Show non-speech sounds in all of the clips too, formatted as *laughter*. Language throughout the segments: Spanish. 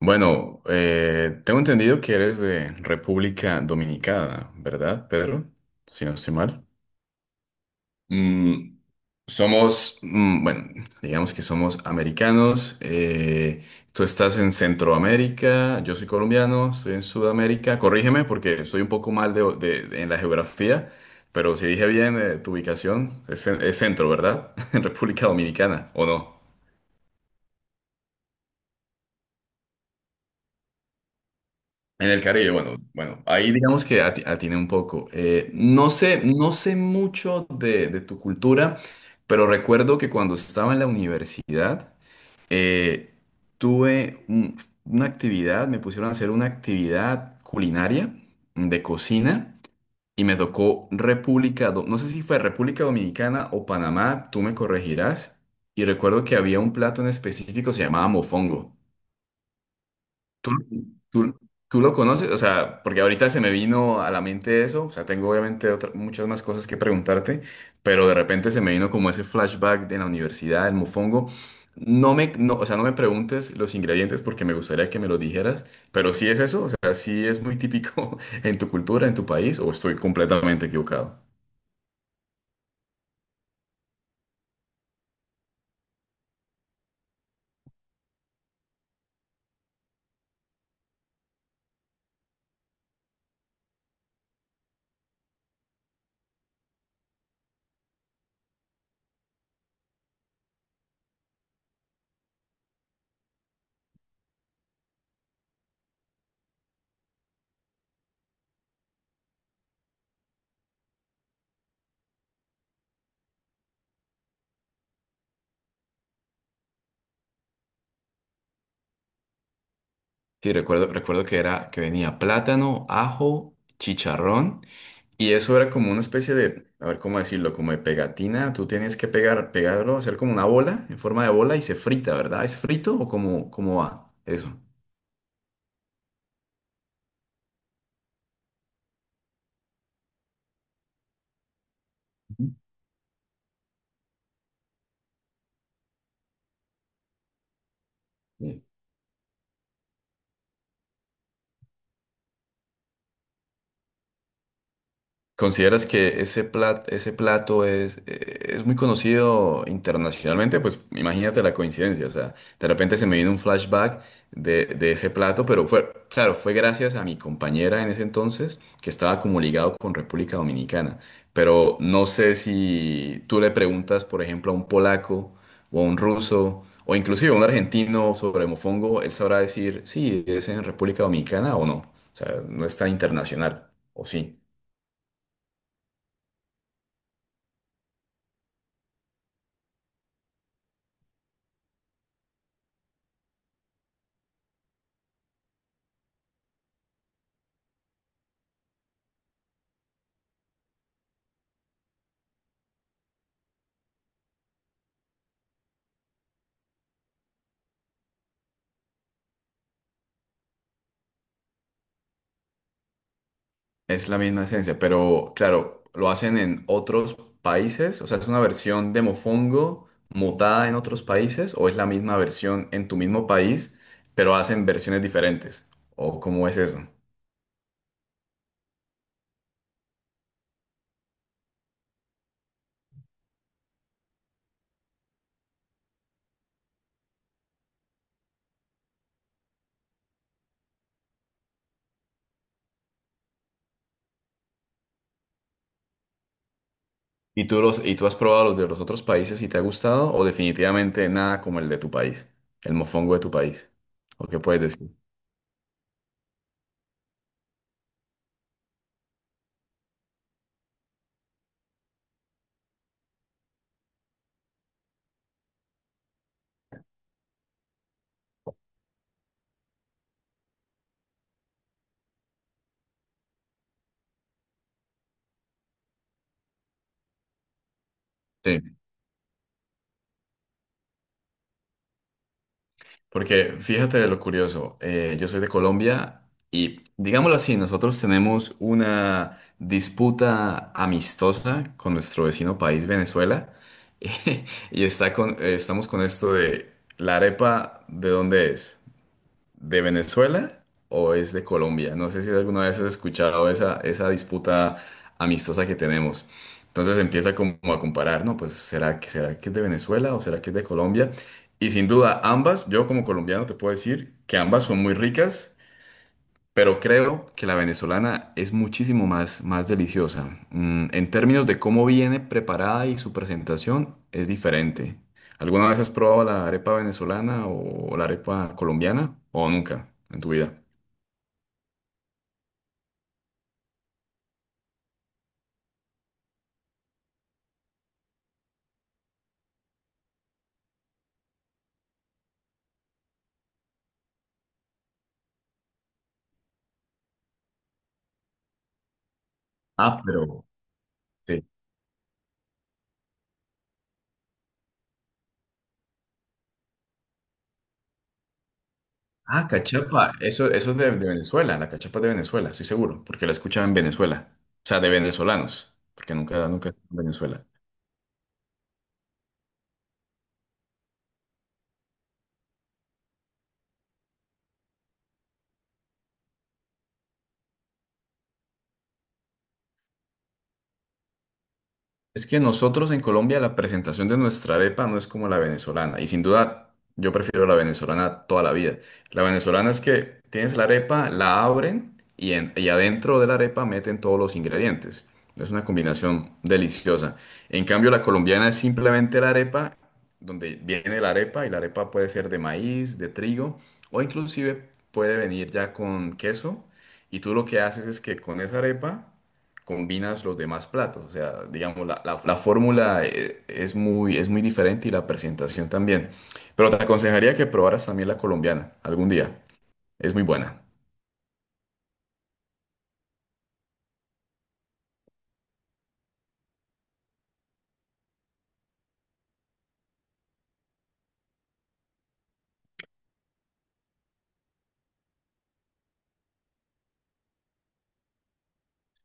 Bueno, tengo entendido que eres de República Dominicana, ¿verdad, Pedro? Si no estoy mal. Mm, somos, mm, bueno, digamos que somos americanos. Tú estás en Centroamérica, yo soy colombiano, estoy en Sudamérica. Corrígeme porque soy un poco mal de, en la geografía, pero si dije bien, tu ubicación es, es centro, ¿verdad? *laughs* En República Dominicana, ¿o no? En el Caribe, bueno, bueno, ahí digamos que atiné un poco. No sé, no sé mucho de tu cultura, pero recuerdo que cuando estaba en la universidad, eh, tuve un- una actividad, me pusieron a hacer una actividad culinaria de cocina y me tocó República, no sé si fue República Dominicana o Panamá, tú me corregirás. Y recuerdo que había un plato en específico, se llamaba mofongo. ¿Tú, tú, tú lo conoces? O sea, porque ahorita se me vino a la mente eso, o sea, tengo obviamente muchas más cosas que preguntarte, pero de repente se me vino como ese flashback de la universidad, el mofongo. No me, no, o sea, no me preguntes los ingredientes porque me gustaría que me lo dijeras, pero sí es eso, o sea, sí es muy típico *laughs* en tu cultura, en tu país, o estoy completamente equivocado. Sí, recuerdo que era que venía plátano, ajo, chicharrón. Y eso era como una especie de, a ver cómo decirlo, como de pegatina. Tú tenías que pegar, pegarlo, hacer como una bola, en forma de bola, y se frita, ¿verdad? ¿Es frito o cómo, cómo va eso? Ujú. Sí. ¿Consideras que ese plato es muy conocido internacionalmente? Pues imagínate la coincidencia, o sea, de repente se me vino un flashback de ese plato, pero fue, claro, fue gracias a mi compañera en ese entonces que estaba como ligado con República Dominicana, pero no sé si tú le preguntas, por ejemplo, a un polaco o a un ruso o inclusive a un argentino sobre mofongo, él sabrá decir si es en República Dominicana o no, o sea, no está internacional, o sí. Es la misma esencia, pero claro, lo hacen en otros países, o sea, ¿es una versión de mofongo mutada en otros países o es la misma versión en tu mismo país, pero hacen versiones diferentes? ¿O cómo es eso? ¿Y tú los, y tú has probado los de los otros países y te ha gustado o definitivamente nada como el de tu país, el mofongo de tu país? ¿O qué puedes decir? Sí. Porque fíjate lo curioso, yo soy de Colombia y digámoslo así, nosotros tenemos una disputa amistosa con nuestro vecino país Venezuela *laughs* y está con, estamos con esto de la arepa, ¿de dónde es? ¿De Venezuela o es de Colombia? No sé si alguna vez has escuchado esa, esa disputa amistosa que tenemos. Entonces empieza como a comparar, ¿no? Pues será que es de Venezuela o será que es de Colombia. Y sin duda ambas, yo como colombiano te puedo decir que ambas son muy ricas, pero creo que la venezolana es muchísimo más, más deliciosa. Mm, en términos de cómo viene preparada y su presentación es diferente. ¿Alguna vez has probado la arepa venezolana o la arepa colombiana o nunca en tu vida? Ah, pero sí. Ah, cachapa. Eso es de Venezuela. La cachapa es de Venezuela, estoy seguro, porque la escuchaba en Venezuela. O sea, de venezolanos, porque nunca, nunca en Venezuela. Es que nosotros en Colombia la presentación de nuestra arepa no es como la venezolana y sin duda yo prefiero la venezolana toda la vida. La venezolana es que tienes la arepa, la abren y, y adentro de la arepa meten todos los ingredientes. Es una combinación deliciosa. En cambio la colombiana es simplemente la arepa, donde viene la arepa y la arepa puede ser de maíz, de trigo o inclusive puede venir ya con queso y tú lo que haces es que con esa arepa combinas los demás platos. O sea, digamos, la, la fórmula es muy diferente y la presentación también. Pero te aconsejaría que probaras también la colombiana algún día. Es muy buena.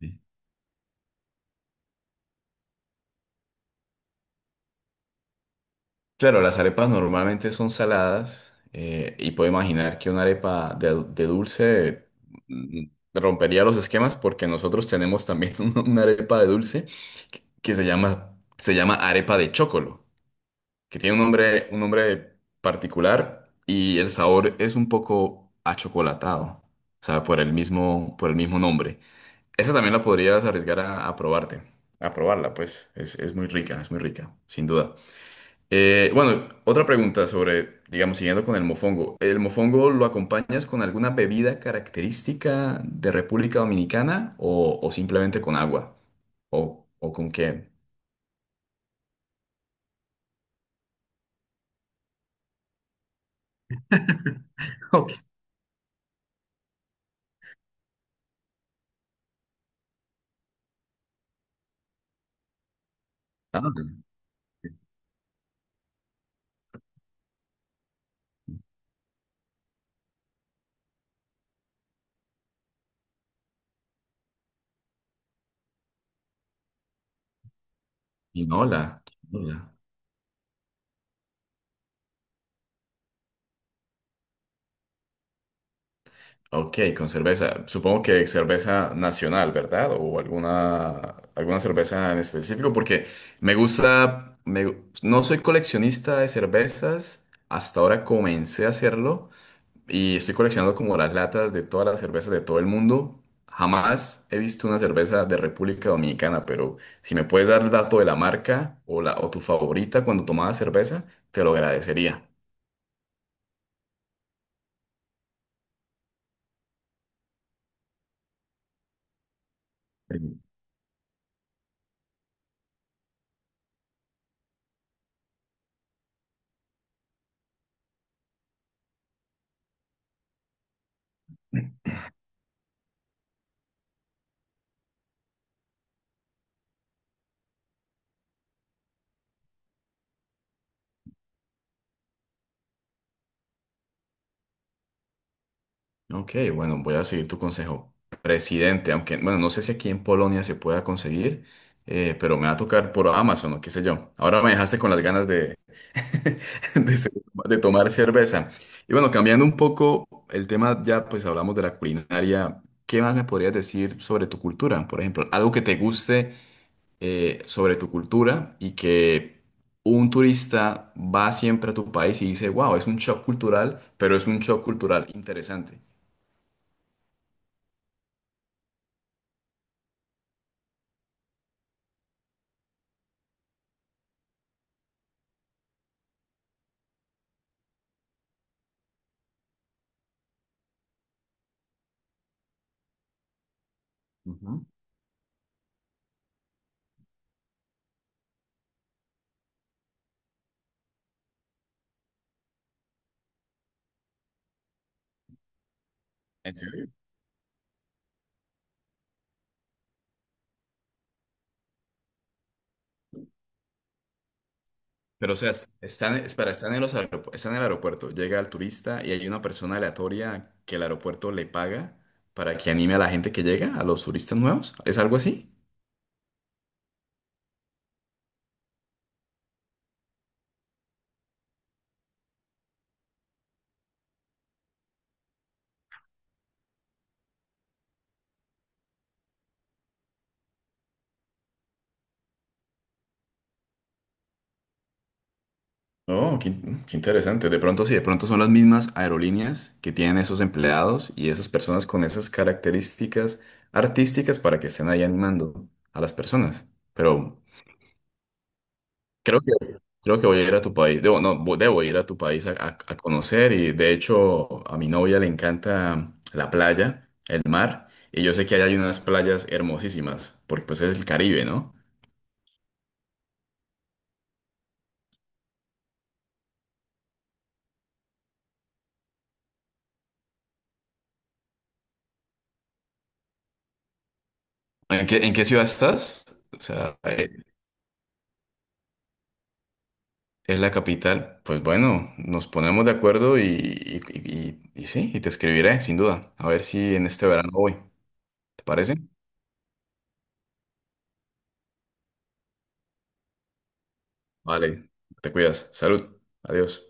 Sí. Claro, las arepas normalmente son saladas y puedo imaginar que una arepa de dulce mm, rompería los esquemas porque nosotros tenemos también *laughs* una arepa de dulce que se llama arepa de chocolo, que tiene un nombre particular y el sabor es un poco achocolatado, o sea, por el mismo nombre. Esa también la podrías arriesgar a probarte, a probarla, pues es muy rica, sin duda. Bueno, otra pregunta sobre, digamos, siguiendo con el mofongo. ¿El mofongo lo acompañas con alguna bebida característica de República Dominicana o simplemente con agua? O con qué? *laughs* Ok. Ah, quinola, quinola. Ok, con cerveza. Supongo que cerveza nacional, ¿verdad? O alguna, alguna cerveza en específico, porque me gusta, no soy coleccionista de cervezas, hasta ahora comencé a hacerlo y estoy coleccionando como las latas de todas las cervezas de todo el mundo. Jamás he visto una cerveza de República Dominicana, pero si me puedes dar el dato de la marca o, la, o tu favorita cuando tomabas cerveza, te lo agradecería. Ok, bueno, voy a seguir tu consejo. Presidente, aunque, bueno, no sé si aquí en Polonia se pueda conseguir, pero me va a tocar por Amazon o qué sé yo. Ahora me dejaste con las ganas de, *laughs* de, de tomar cerveza. Y bueno, cambiando un poco el tema, ya pues hablamos de la culinaria. ¿Qué más me podrías decir sobre tu cultura? Por ejemplo, algo que te guste sobre tu cultura y que un turista va siempre a tu país y dice, wow, es un shock cultural, pero es un shock cultural interesante. Ujú. ¿En serio? Pero, o sea, están, espera, están en los están en el aeropuerto, llega el turista y hay una persona aleatoria que el aeropuerto le paga para que anime a la gente que llega, a los turistas nuevos. ¿Es algo así? Oh, qué, qué interesante. De pronto sí, de pronto son las mismas aerolíneas que tienen esos empleados y esas personas con esas características artísticas para que estén ahí animando a las personas. Pero creo que, creo que voy a ir a tu país. Debo, no, debo ir a tu país a, a conocer. Y de hecho, a mi novia le encanta la playa, el mar. Y yo sé que allá hay unas playas hermosísimas, porque pues es el Caribe, ¿no? En qué ciudad estás? O sea, es la capital. Pues bueno, nos ponemos de acuerdo y, y sí, y te escribiré, sin duda. A ver si en este verano voy. ¿Te parece? Vale, te cuidas. Salud. Adiós.